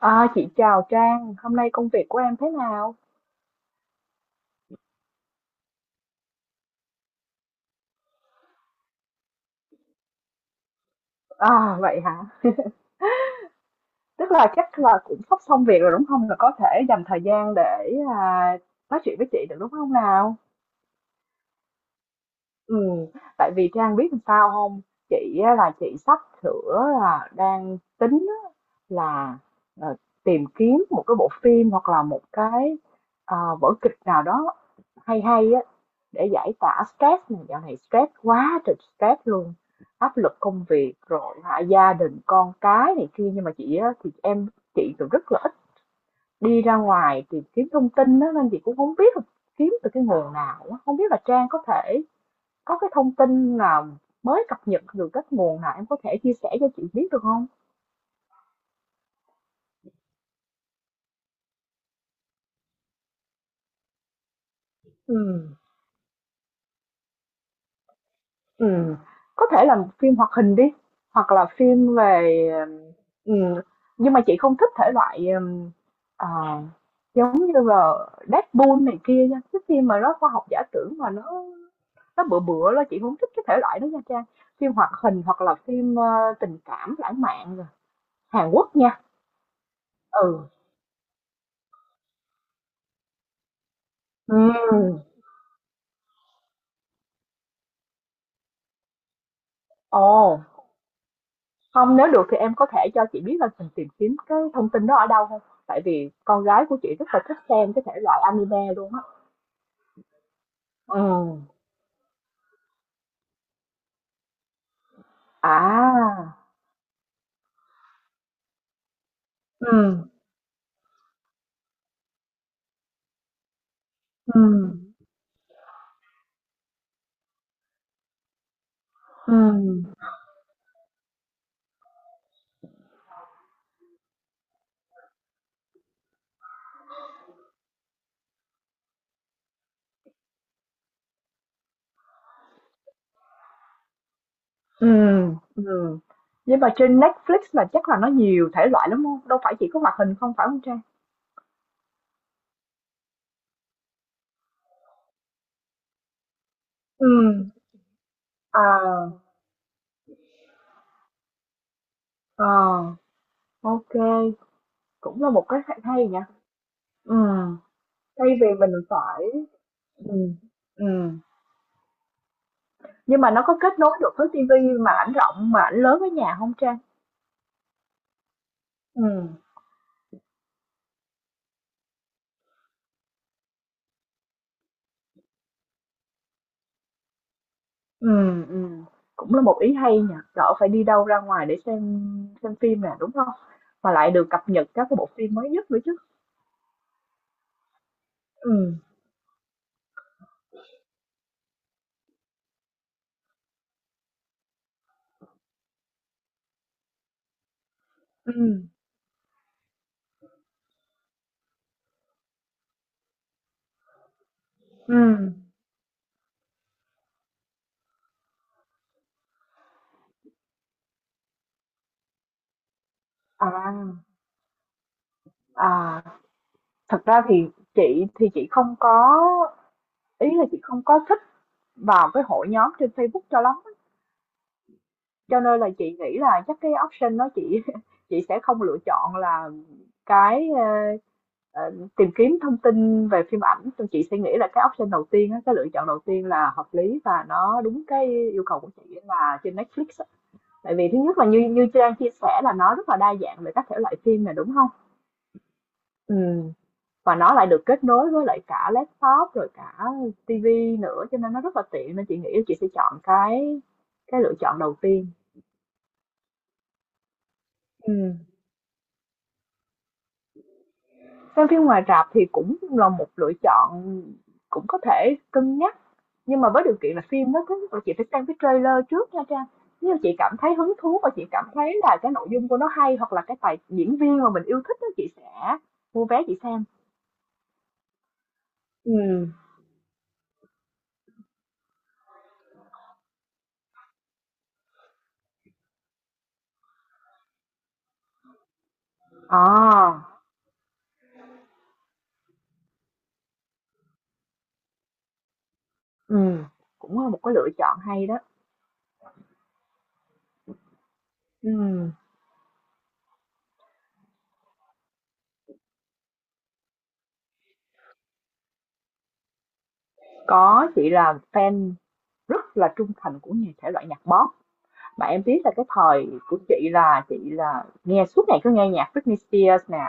Chị chào Trang, hôm nay công việc của em thế nào? À, vậy hả? Tức là chắc là cũng sắp xong việc rồi đúng không? Là có thể dành thời gian để à, nói chuyện với chị được đúng không nào? Ừ, Tại vì Trang biết làm sao không? Chị á, là chị sắp sửa là đang tính á, là ờ, tìm kiếm một cái bộ phim hoặc là một cái vở kịch nào đó hay hay á để giải tỏa stress này, dạo này stress quá trời stress luôn, áp lực công việc rồi hả, gia đình con cái này kia. Nhưng mà chị á, thì em chị cũng rất là ít đi ra ngoài tìm kiếm thông tin đó nên chị cũng không biết là kiếm từ cái nguồn nào á. Không biết là Trang có thể có cái thông tin nào mới cập nhật được, các nguồn nào em có thể chia sẻ cho chị biết được không? Ừ. Ừm, có thể là một phim hoạt hình đi, hoặc là phim về, ừm nhưng mà chị không thích thể loại, ờ, giống như là Deadpool này kia nha, cái phim mà nó khoa học giả tưởng mà nó bựa bựa đó, chị không thích cái thể loại đó nha Trang. Phim hoạt hình hoặc là phim tình cảm lãng mạn rồi, Hàn Quốc nha. Ừ, ừm, Ồ, không, nếu được thì em có thể cho chị biết là mình tìm kiếm cái thông tin đó ở đâu không? Tại vì con gái của chị rất là thích xem cái thể loại anime luôn á. Ồ. À. Ừm, ừm, ừm, ừm, ừm. Nhưng mà trên Netflix là chắc là nó nhiều thể loại lắm hông? Đâu phải chỉ có hoạt hình không, phải không Trang? Ừm. À, à, ok, cũng là một cái hay hay nhỉ? Ừm. Thay vì mình phải ừm, ừm, nhưng mà nó có kết nối được với ti vi màn ảnh rộng, mà ảnh lớn ở nhà không Trang? Ừm. Ừm, ừm, cũng là một ý hay nhỉ, đỡ phải đi đâu ra ngoài để xem phim nè, đúng không? Mà lại được cập nhật các cái bộ phim mới nhất nữa chứ. Ừm, ừm, ừm. À, à, thật ra thì chị không có, ý là chị không có thích vào cái hội nhóm trên Facebook cho lắm, cho nên là chị nghĩ là chắc cái option đó chị chị sẽ không lựa chọn là cái, Ờ, tìm kiếm thông tin về phim ảnh thì chị suy nghĩ là cái option đầu tiên á, cái lựa chọn đầu tiên là hợp lý và nó đúng cái yêu cầu của chị là trên Netflix á. Tại vì thứ nhất là như như Trang chia sẻ là nó rất là đa dạng về các thể loại phim này, đúng không? Ừ. Và nó lại được kết nối với lại cả laptop rồi cả TV nữa cho nên nó rất là tiện, nên chị nghĩ chị sẽ chọn cái lựa chọn đầu tiên. Ừ. Xem phim ngoài rạp thì cũng là một lựa chọn, cũng có thể cân nhắc. Nhưng mà với điều kiện là phim nó cứ chị phải xem cái trailer trước nha Trang. Nếu chị cảm thấy hứng thú và chị cảm thấy là cái nội dung của nó hay hoặc là cái tài diễn viên mà mình yêu thích đó, chị sẽ mua vé chị xem. ừ À, ừ, cũng là một cái lựa chọn hay đó. ừ Có, chị là fan rất là trung thành của nhà thể loại nhạc pop. Mà em biết là cái thời của chị là nghe suốt ngày, cứ nghe nhạc Britney Spears nè,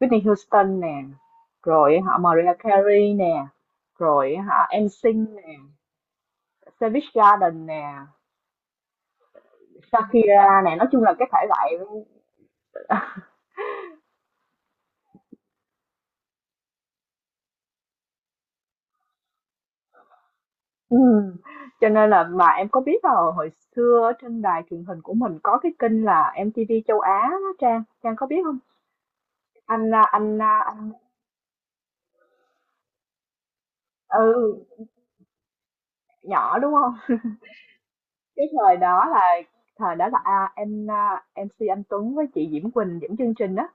Whitney Houston nè, rồi họ Mariah Carey nè, rồi họ NSYNC nè, Savage Garden nè, Shakira nè, nói chung là cái thể loại. ừ. Cho nên là mà em có biết là hồi xưa ở trên đài truyền hình của mình có cái kênh là MTV châu Á đó Trang, Trang có biết không? Anh anh anh, anh ừ, nhỏ đúng không? Cái thời đó là MC Anh Tuấn với chị Diễm Quỳnh dẫn chương trình đó,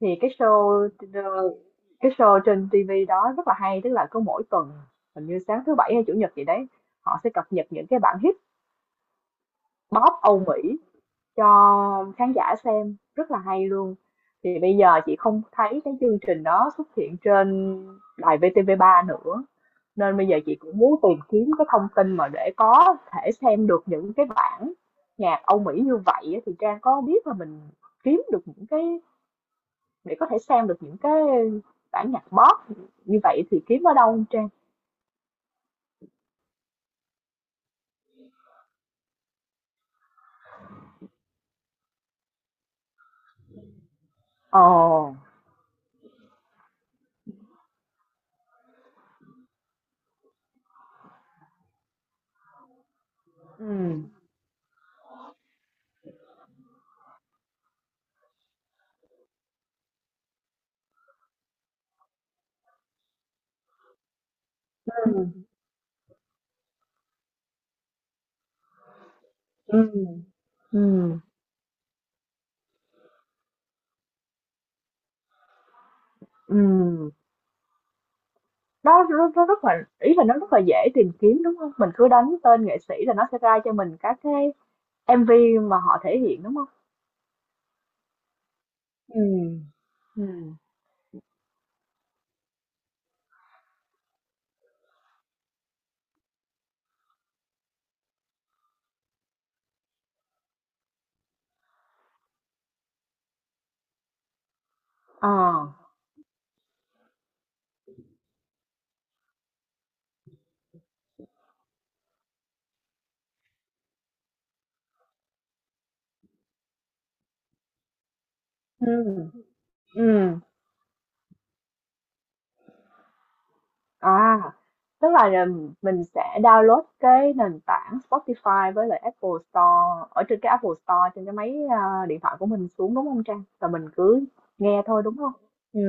thì cái show ờ, cái show trên TV đó rất là hay, tức là cứ mỗi tuần, hình như sáng thứ bảy hay chủ nhật gì đấy, họ sẽ cập nhật những cái bản hit pop Âu Mỹ cho khán giả xem, rất là hay luôn. Thì bây giờ chị không thấy cái chương trình đó xuất hiện trên đài VTV3 nữa, nên bây giờ chị cũng muốn tìm kiếm cái thông tin mà để có thể xem được những cái bản nhạc Âu Mỹ như vậy, thì Trang có biết là mình kiếm được những cái để có thể xem được những cái bản nhạc pop như vậy thì kiếm ở đâu không Trang? Ồ. Ừ. Ừ. Ừ. Ừ. Nó nó rất là, ý là nó rất là dễ tìm kiếm, đúng không? Mình cứ đánh tên nghệ sĩ là nó sẽ ra cho mình các cái MV mà họ thể hiện, đúng không? ừ ừ Ờ. ừ ừ à, tức là, mình sẽ download cái nền tảng Spotify với lại Apple Store ở trên cái Apple Store trên cái máy, điện thoại của mình xuống, đúng không Trang? Rồi mình cứ nghe thôi, đúng không? ừ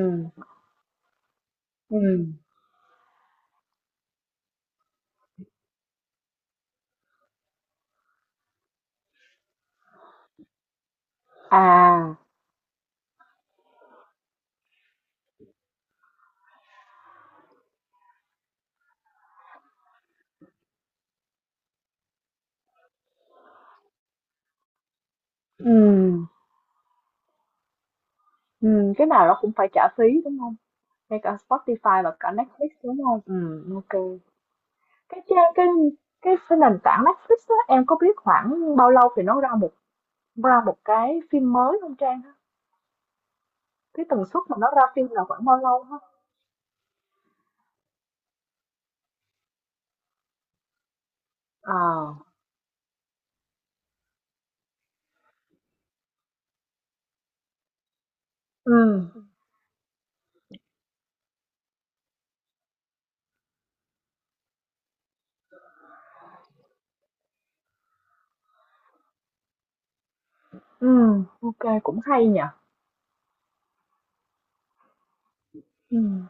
ừ À, ừ ừ cái nào nó cũng phải trả phí, đúng không? Ngay cả Spotify và cả Netflix, đúng không? Ok. Cái trang cái nền tảng Netflix á, em có biết khoảng bao lâu thì nó ra ra một cái phim mới không Trang? Cái tần suất mà nó ra phim là khoảng bao lâu ha? à ừm, ok, cũng hay nhỉ? Ừm,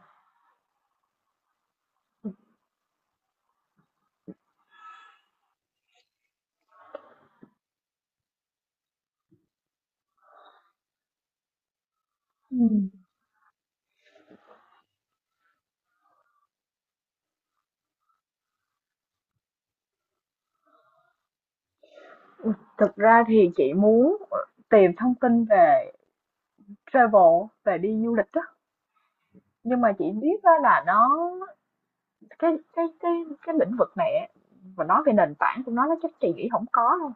ừm. Thực ra thì chị muốn, tìm thông tin về travel, về đi du lịch á, nhưng mà chị biết á là nó, cái cái cái cái lĩnh vực này á, mà nói về nền tảng của nó chắc chị nghĩ không có đâu.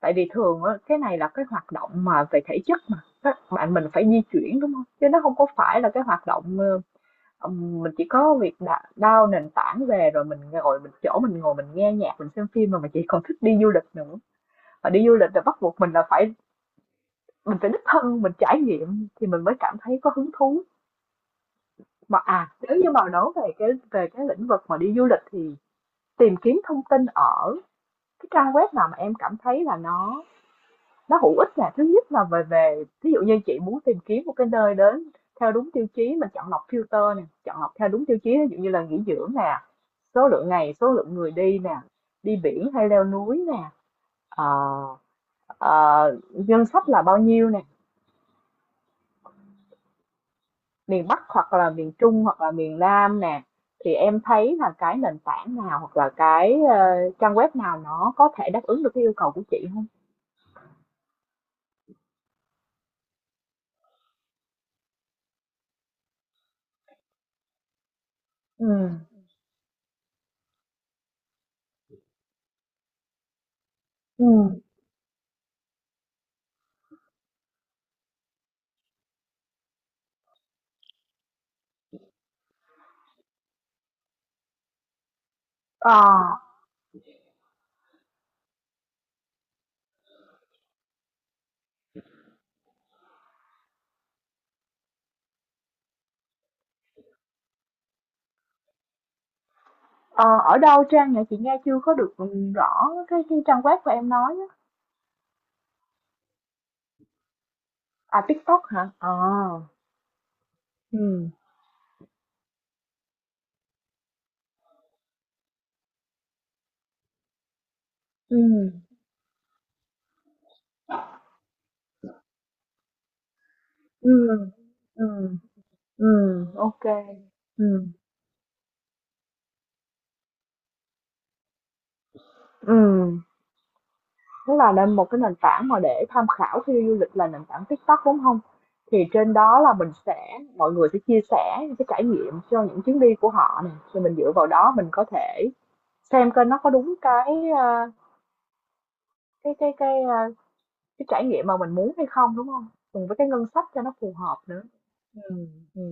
Tại vì thường á, cái này là cái hoạt động mà về thể chất mà, các bạn mình phải di chuyển, đúng không? Chứ nó không có phải là cái hoạt động, mình chỉ có việc đà nền tảng về rồi mình ngồi, mình chỗ mình ngồi mình nghe nhạc, mình xem phim, mà mình chỉ còn thích đi du lịch nữa. Và đi du lịch là bắt buộc mình phải đích thân mình trải nghiệm thì mình mới cảm thấy có hứng thú. Mà, nếu như mà nói về cái lĩnh vực mà đi du lịch thì tìm kiếm thông tin ở cái trang web nào mà em cảm thấy là nó hữu ích là thứ nhất là về về thí dụ như chị muốn tìm kiếm một cái nơi đến theo đúng tiêu chí mình chọn lọc, filter nè, chọn lọc theo đúng tiêu chí ví dụ như là nghỉ dưỡng nè, số lượng ngày, số lượng người đi nè, đi biển hay leo núi nè, ờ, ờ, ngân sách là bao nhiêu nè, miền Bắc hoặc là miền Trung hoặc là miền Nam nè, thì em thấy là cái nền tảng nào hoặc là cái trang web nào nó có thể đáp ứng được cái yêu cầu của chị không? ừ ừ ờ Ờ, ở đâu Trang nhỉ? Chị nghe chưa có được, rõ cái trang web của em nói á. À, TikTok hả? Ờ. Ừ. Ừ. Ừ. Ừ. Ừ. Ok. Ừ. Ừ. Tức là nên một cái nền tảng mà để tham khảo khi đi du lịch là nền tảng TikTok, đúng không? Thì trên đó là mình sẽ, mọi người sẽ chia sẻ những cái trải nghiệm cho những chuyến đi của họ nè, rồi mình dựa vào đó mình có thể xem coi nó có đúng cái, cái cái cái ờ, cái trải nghiệm mà mình muốn hay không, đúng không? Cùng với cái ngân sách cho nó phù hợp nữa. Ừ, ừ,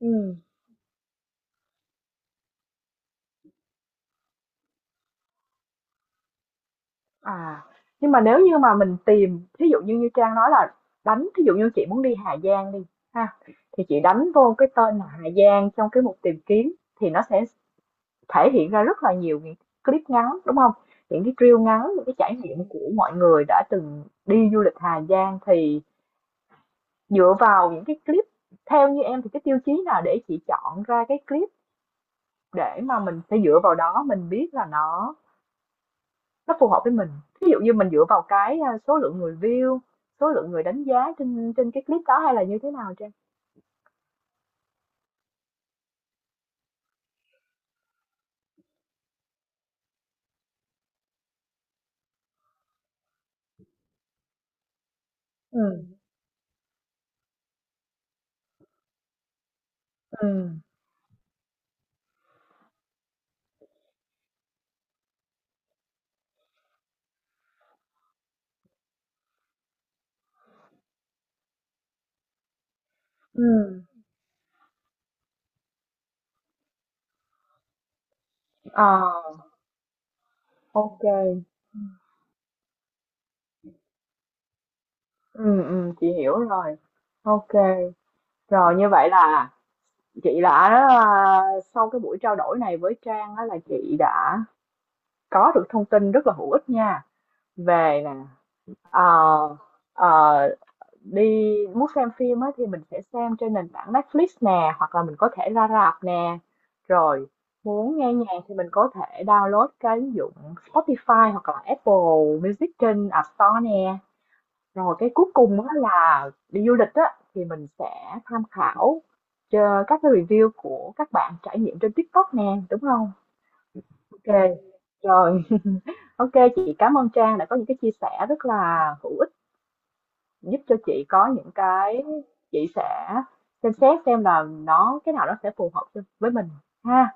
ừm, à, nhưng mà nếu như mà mình tìm thí dụ như như Trang nói là đánh thí dụ như chị muốn đi Hà Giang đi ha, thì chị đánh vô cái tên là Hà Giang trong cái mục tìm kiếm, thì nó sẽ thể hiện ra rất là nhiều những clip ngắn, đúng không? Những cái reel ngắn, những cái trải nghiệm của mọi người đã từng đi du lịch Hà Giang, thì dựa vào những cái clip, theo như em thì cái tiêu chí nào để chị chọn ra cái clip, để mà mình phải dựa vào đó mình biết là nó phù hợp với mình. Ví dụ như mình dựa vào cái số lượng người view, số lượng người đánh giá trên trên cái clip đó hay là như thế nào Trang? Ừ ừ ừ. À, ok. Ừ ừ chị hiểu rồi. Ok, rồi như vậy là chị đã, a, sau cái buổi trao đổi này với Trang á là chị đã có được thông tin rất là hữu ích nha, về nè, ờ, ờ, đi muốn xem phim á, thì mình sẽ xem trên nền tảng Netflix nè hoặc là mình có thể ra rạp nè, rồi muốn nghe nhạc thì mình có thể download cái ứng dụng Spotify hoặc là Apple Music trên App Store nè, rồi cái cuối cùng á là đi du lịch á thì mình sẽ tham khảo cho các cái review của các bạn trải nghiệm trên TikTok nè, đúng không? Ok, rồi, ok, chị cảm ơn Trang đã có những cái chia sẻ rất là hữu ích, giúp cho chị có những cái, chị sẽ xem xét xem là nó cái nào nó sẽ phù hợp cho với mình ha.